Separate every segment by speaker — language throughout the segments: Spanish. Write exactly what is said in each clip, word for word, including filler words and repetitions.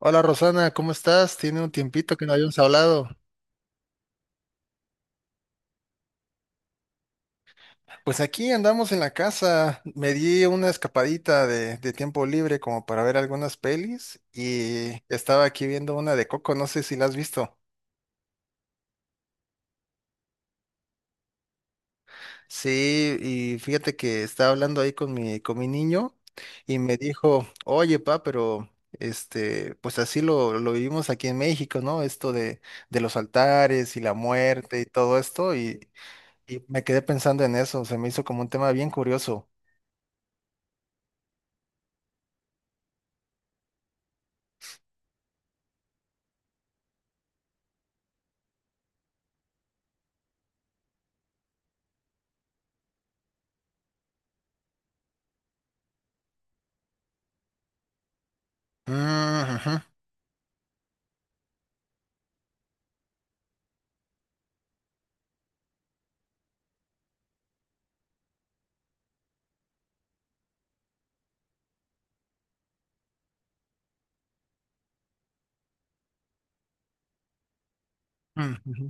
Speaker 1: Hola Rosana, ¿cómo estás? Tiene un tiempito que no habíamos hablado. Pues aquí andamos en la casa. Me di una escapadita de, de tiempo libre como para ver algunas pelis y estaba aquí viendo una de Coco, no sé si la has visto. Sí, y fíjate que estaba hablando ahí con mi, con mi niño y me dijo, oye pa, pero este, pues así lo, lo vivimos aquí en México, ¿no? Esto de, de los altares y la muerte y todo esto. Y, Y me quedé pensando en eso, se me hizo como un tema bien curioso. Mm, ujú, mm, ujú.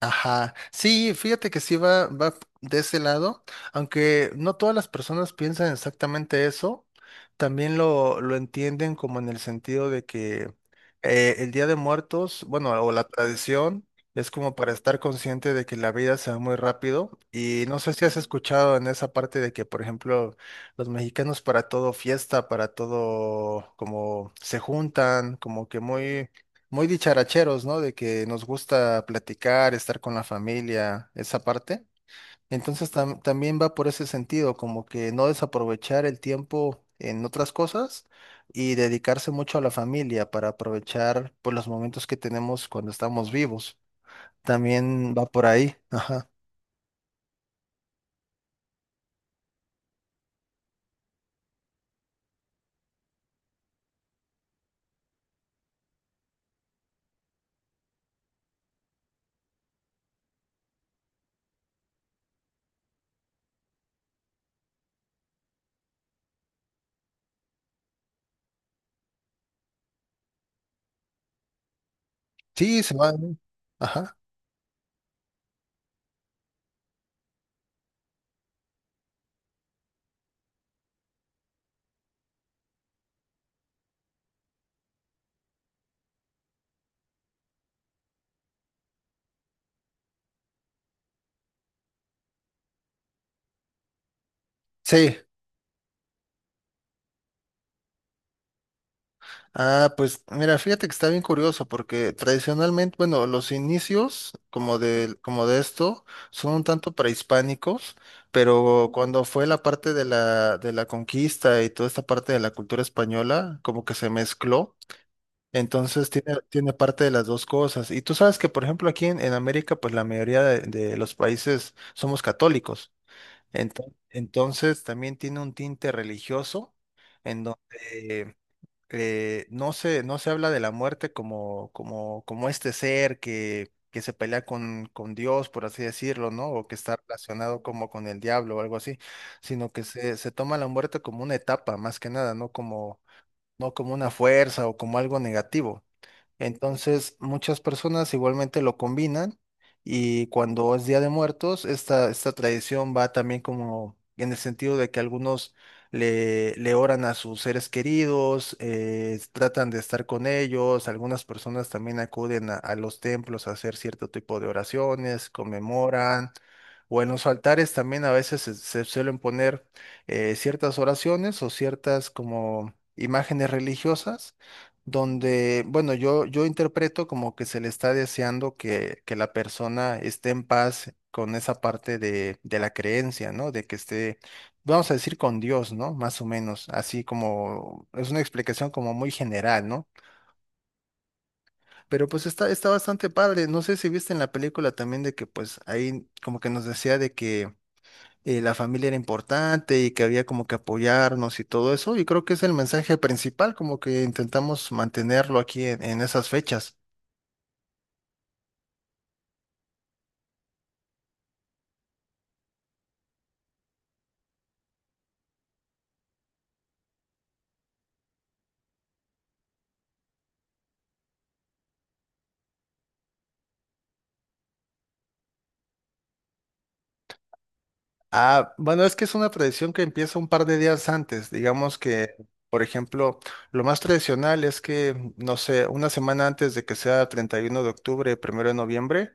Speaker 1: Ajá, sí, fíjate que sí va, va de ese lado, aunque no todas las personas piensan exactamente eso, también lo, lo entienden como en el sentido de que eh, el Día de Muertos, bueno, o la tradición, es como para estar consciente de que la vida se va muy rápido y no sé si has escuchado en esa parte de que, por ejemplo, los mexicanos para todo fiesta, para todo como se juntan, como que muy muy dicharacheros, ¿no? De que nos gusta platicar, estar con la familia, esa parte. Entonces tam- también va por ese sentido, como que no desaprovechar el tiempo en otras cosas y dedicarse mucho a la familia para aprovechar pues, los momentos que tenemos cuando estamos vivos. También va por ahí. Ajá. Sí, se va, ¿no? Ajá. Sí. Ah, pues mira, fíjate que está bien curioso porque tradicionalmente, bueno, los inicios como de, como de esto son un tanto prehispánicos, pero cuando fue la parte de la, de la conquista y toda esta parte de la cultura española, como que se mezcló, entonces tiene, tiene parte de las dos cosas. Y tú sabes que, por ejemplo, aquí en, en América, pues la mayoría de, de los países somos católicos. Ento- entonces también tiene un tinte religioso en donde eh, no se, no se habla de la muerte como, como, como este ser que, que se pelea con, con Dios, por así decirlo, ¿no? O que está relacionado como con el diablo o algo así, sino que se, se toma la muerte como una etapa, más que nada, no como, no como una fuerza o como algo negativo. Entonces, muchas personas igualmente lo combinan y cuando es Día de Muertos, esta, esta tradición va también como en el sentido de que algunos le, le oran a sus seres queridos, eh, tratan de estar con ellos, algunas personas también acuden a, a los templos a hacer cierto tipo de oraciones, conmemoran. O en los altares también a veces se, se suelen poner eh, ciertas oraciones o ciertas como imágenes religiosas donde, bueno, yo, yo interpreto como que se le está deseando que, que la persona esté en paz con esa parte de, de la creencia, ¿no? De que esté, vamos a decir, con Dios, ¿no? Más o menos, así como, es una explicación como muy general, ¿no? Pero pues está, está bastante padre. No sé si viste en la película también de que pues ahí como que nos decía de que eh, la familia era importante y que había como que apoyarnos y todo eso, y creo que es el mensaje principal, como que intentamos mantenerlo aquí en en esas fechas. Ah, bueno, es que es una tradición que empieza un par de días antes. Digamos que, por ejemplo, lo más tradicional es que, no sé, una semana antes de que sea treinta y uno de octubre, primero de noviembre,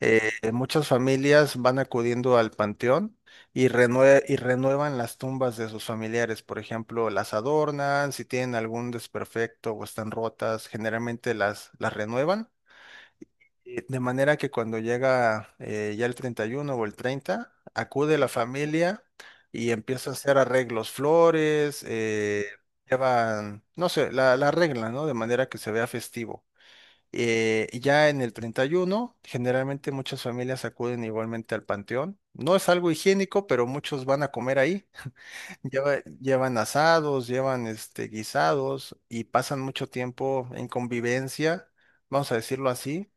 Speaker 1: eh, muchas familias van acudiendo al panteón y, renue- y renuevan las tumbas de sus familiares. Por ejemplo, las adornan, si tienen algún desperfecto o están rotas, generalmente las, las renuevan. Eh, De manera que cuando llega eh, ya el treinta y uno o el treinta, acude la familia y empieza a hacer arreglos, flores, eh, llevan, no sé, la, la arreglan, ¿no? De manera que se vea festivo. Eh, y ya en el treinta y uno, generalmente muchas familias acuden igualmente al panteón. No es algo higiénico, pero muchos van a comer ahí. Lleva- llevan asados, llevan este, guisados y pasan mucho tiempo en convivencia, vamos a decirlo así,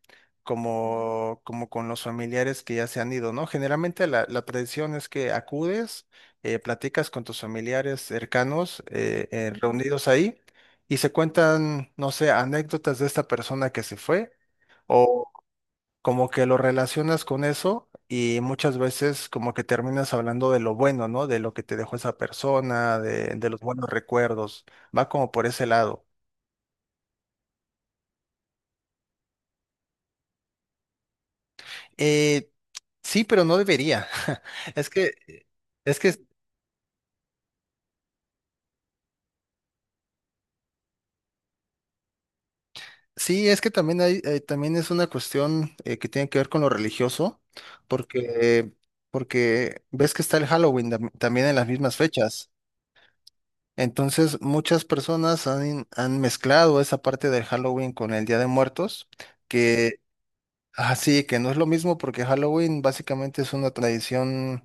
Speaker 1: como, como con los familiares que ya se han ido, ¿no? Generalmente la, la tradición es que acudes, eh, platicas con tus familiares cercanos eh, eh, reunidos ahí y se cuentan, no sé, anécdotas de esta persona que se fue como que lo relacionas con eso y muchas veces como que terminas hablando de lo bueno, ¿no? De lo que te dejó esa persona, de, de los buenos recuerdos. Va como por ese lado. Eh, sí, pero no debería. Es que, es que, sí, es que también hay, eh, también es una cuestión eh, que tiene que ver con lo religioso, porque, porque ves que está el Halloween tam- también en las mismas fechas. Entonces, muchas personas han, han mezclado esa parte del Halloween con el Día de Muertos, que así, que no es lo mismo porque Halloween básicamente es una tradición.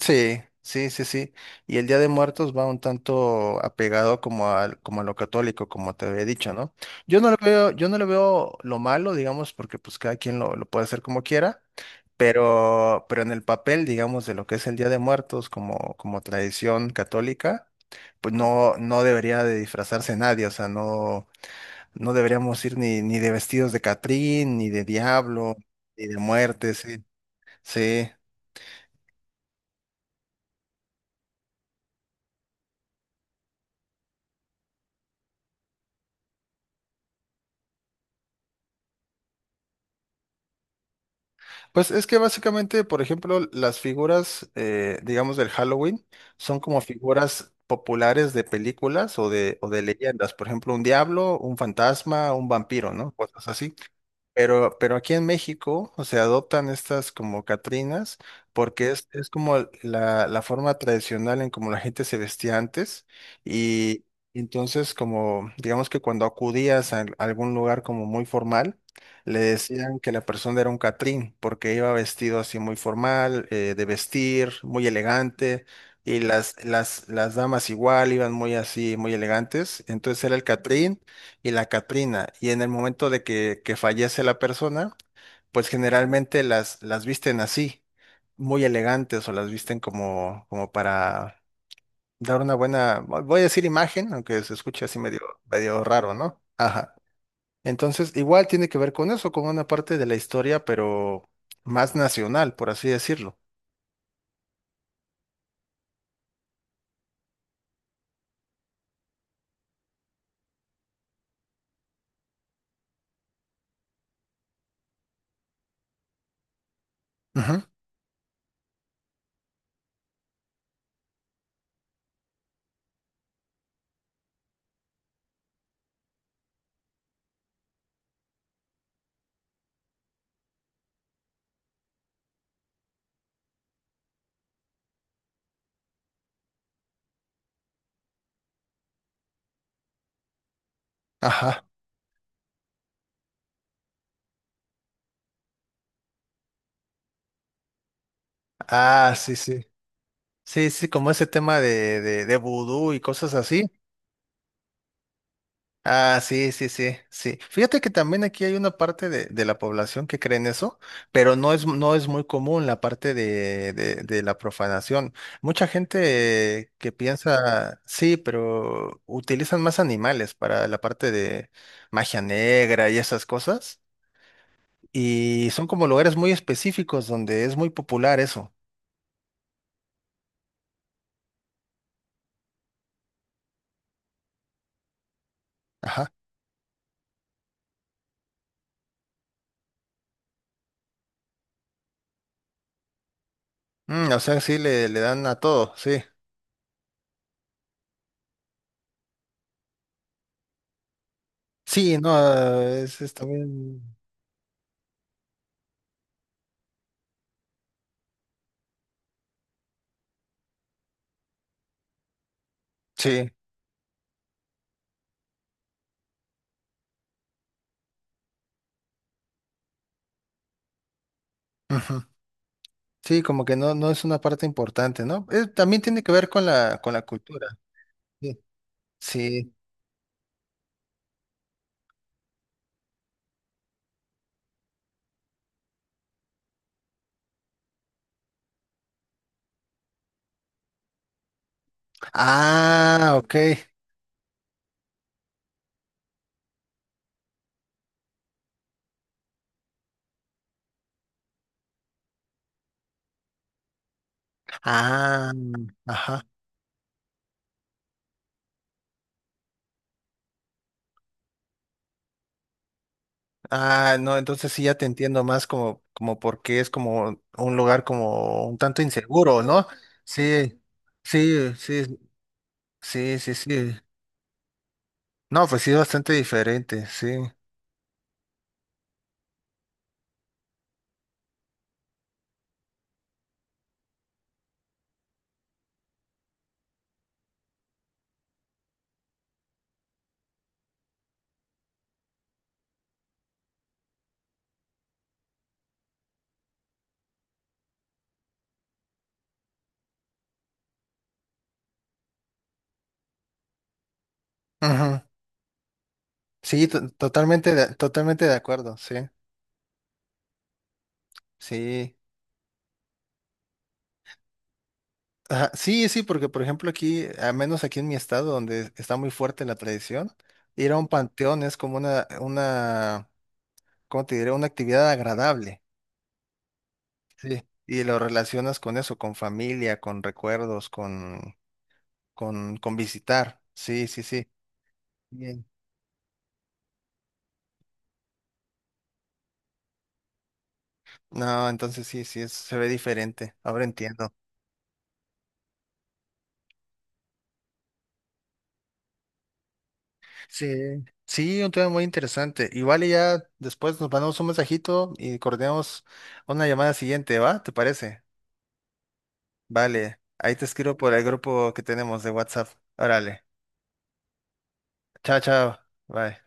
Speaker 1: Sí, sí, sí, sí. Y el Día de Muertos va un tanto apegado como al, como a lo católico, como te había dicho, ¿no? Yo no lo veo, yo no le veo lo malo, digamos, porque pues cada quien lo, lo puede hacer como quiera, pero, pero en el papel, digamos, de lo que es el Día de Muertos como, como tradición católica, pues no, no debería de disfrazarse nadie, o sea, no, no deberíamos ir ni, ni de vestidos de Catrín, ni de diablo, ni de muerte, sí, sí. Pues es que básicamente, por ejemplo, las figuras, eh, digamos, del Halloween son como figuras populares de películas o de, o de leyendas. Por ejemplo, un diablo, un fantasma, un vampiro, ¿no? Cosas así. Pero, pero aquí en México, o sea, adoptan estas como Catrinas porque es, es como el- la, la forma tradicional en como la gente se vestía antes y entonces como, digamos que cuando acudías a algún lugar como muy formal, le decían que la persona era un Catrín porque iba vestido así muy formal, eh, de vestir, muy elegante y las, las, las damas igual iban muy así, muy elegantes, entonces era el Catrín y la Catrina. Y en el momento de que, que fallece la persona, pues generalmente las, las visten así, muy elegantes o las visten como, como para dar una buena, vo- voy a decir imagen, aunque se escuche así medio, medio raro, ¿no? Ajá. Entonces, igual tiene que ver con eso, con una parte de la historia, pero más nacional, por así decirlo. Ujú. Ajá. Ah, sí, sí. Sí, sí, como ese tema de, de, de vudú y cosas así. Ah, sí, sí, sí, sí. Fíjate que también aquí hay una parte de, de la población que cree en eso, pero no es, no es muy común la parte de, de, de la profanación. Mucha gente que piensa, sí, pero utilizan más animales para la parte de magia negra y esas cosas, y son como lugares muy específicos donde es muy popular eso. Ajá. Mm, o sea, sí, le, le dan a todo, sí. Sí, no, es, es también, sí. Sí, como que no, no es una parte importante, ¿no? Eh, también tiene que ver con la, con la cultura. Sí. Sí. Ah, ok. Ah, ajá. Ah, no, entonces sí ya te entiendo más como, como porque es como un lugar como un tanto inseguro, ¿no? Sí, sí, sí, sí, sí, sí. No, pues sí, bastante diferente, sí. Ujú. Sí, to- totalmente de- totalmente de acuerdo, sí, sí. Ajá, sí, sí, porque por ejemplo aquí, al menos aquí en mi estado, donde está muy fuerte la tradición, ir a un panteón es como una, una, ¿cómo te diré? Una actividad agradable. Sí. Y lo relacionas con eso, con familia, con recuerdos, con, con, con visitar. Sí, sí, sí. Bien. No, entonces sí, sí, es- se ve diferente. Ahora entiendo. Sí. Sí, un tema muy interesante. Igual y ya después nos mandamos un mensajito y coordinamos una llamada siguiente, ¿va? ¿Te parece? Vale, ahí te escribo por el grupo que tenemos de WhatsApp. Órale. Chao, chao. Bye.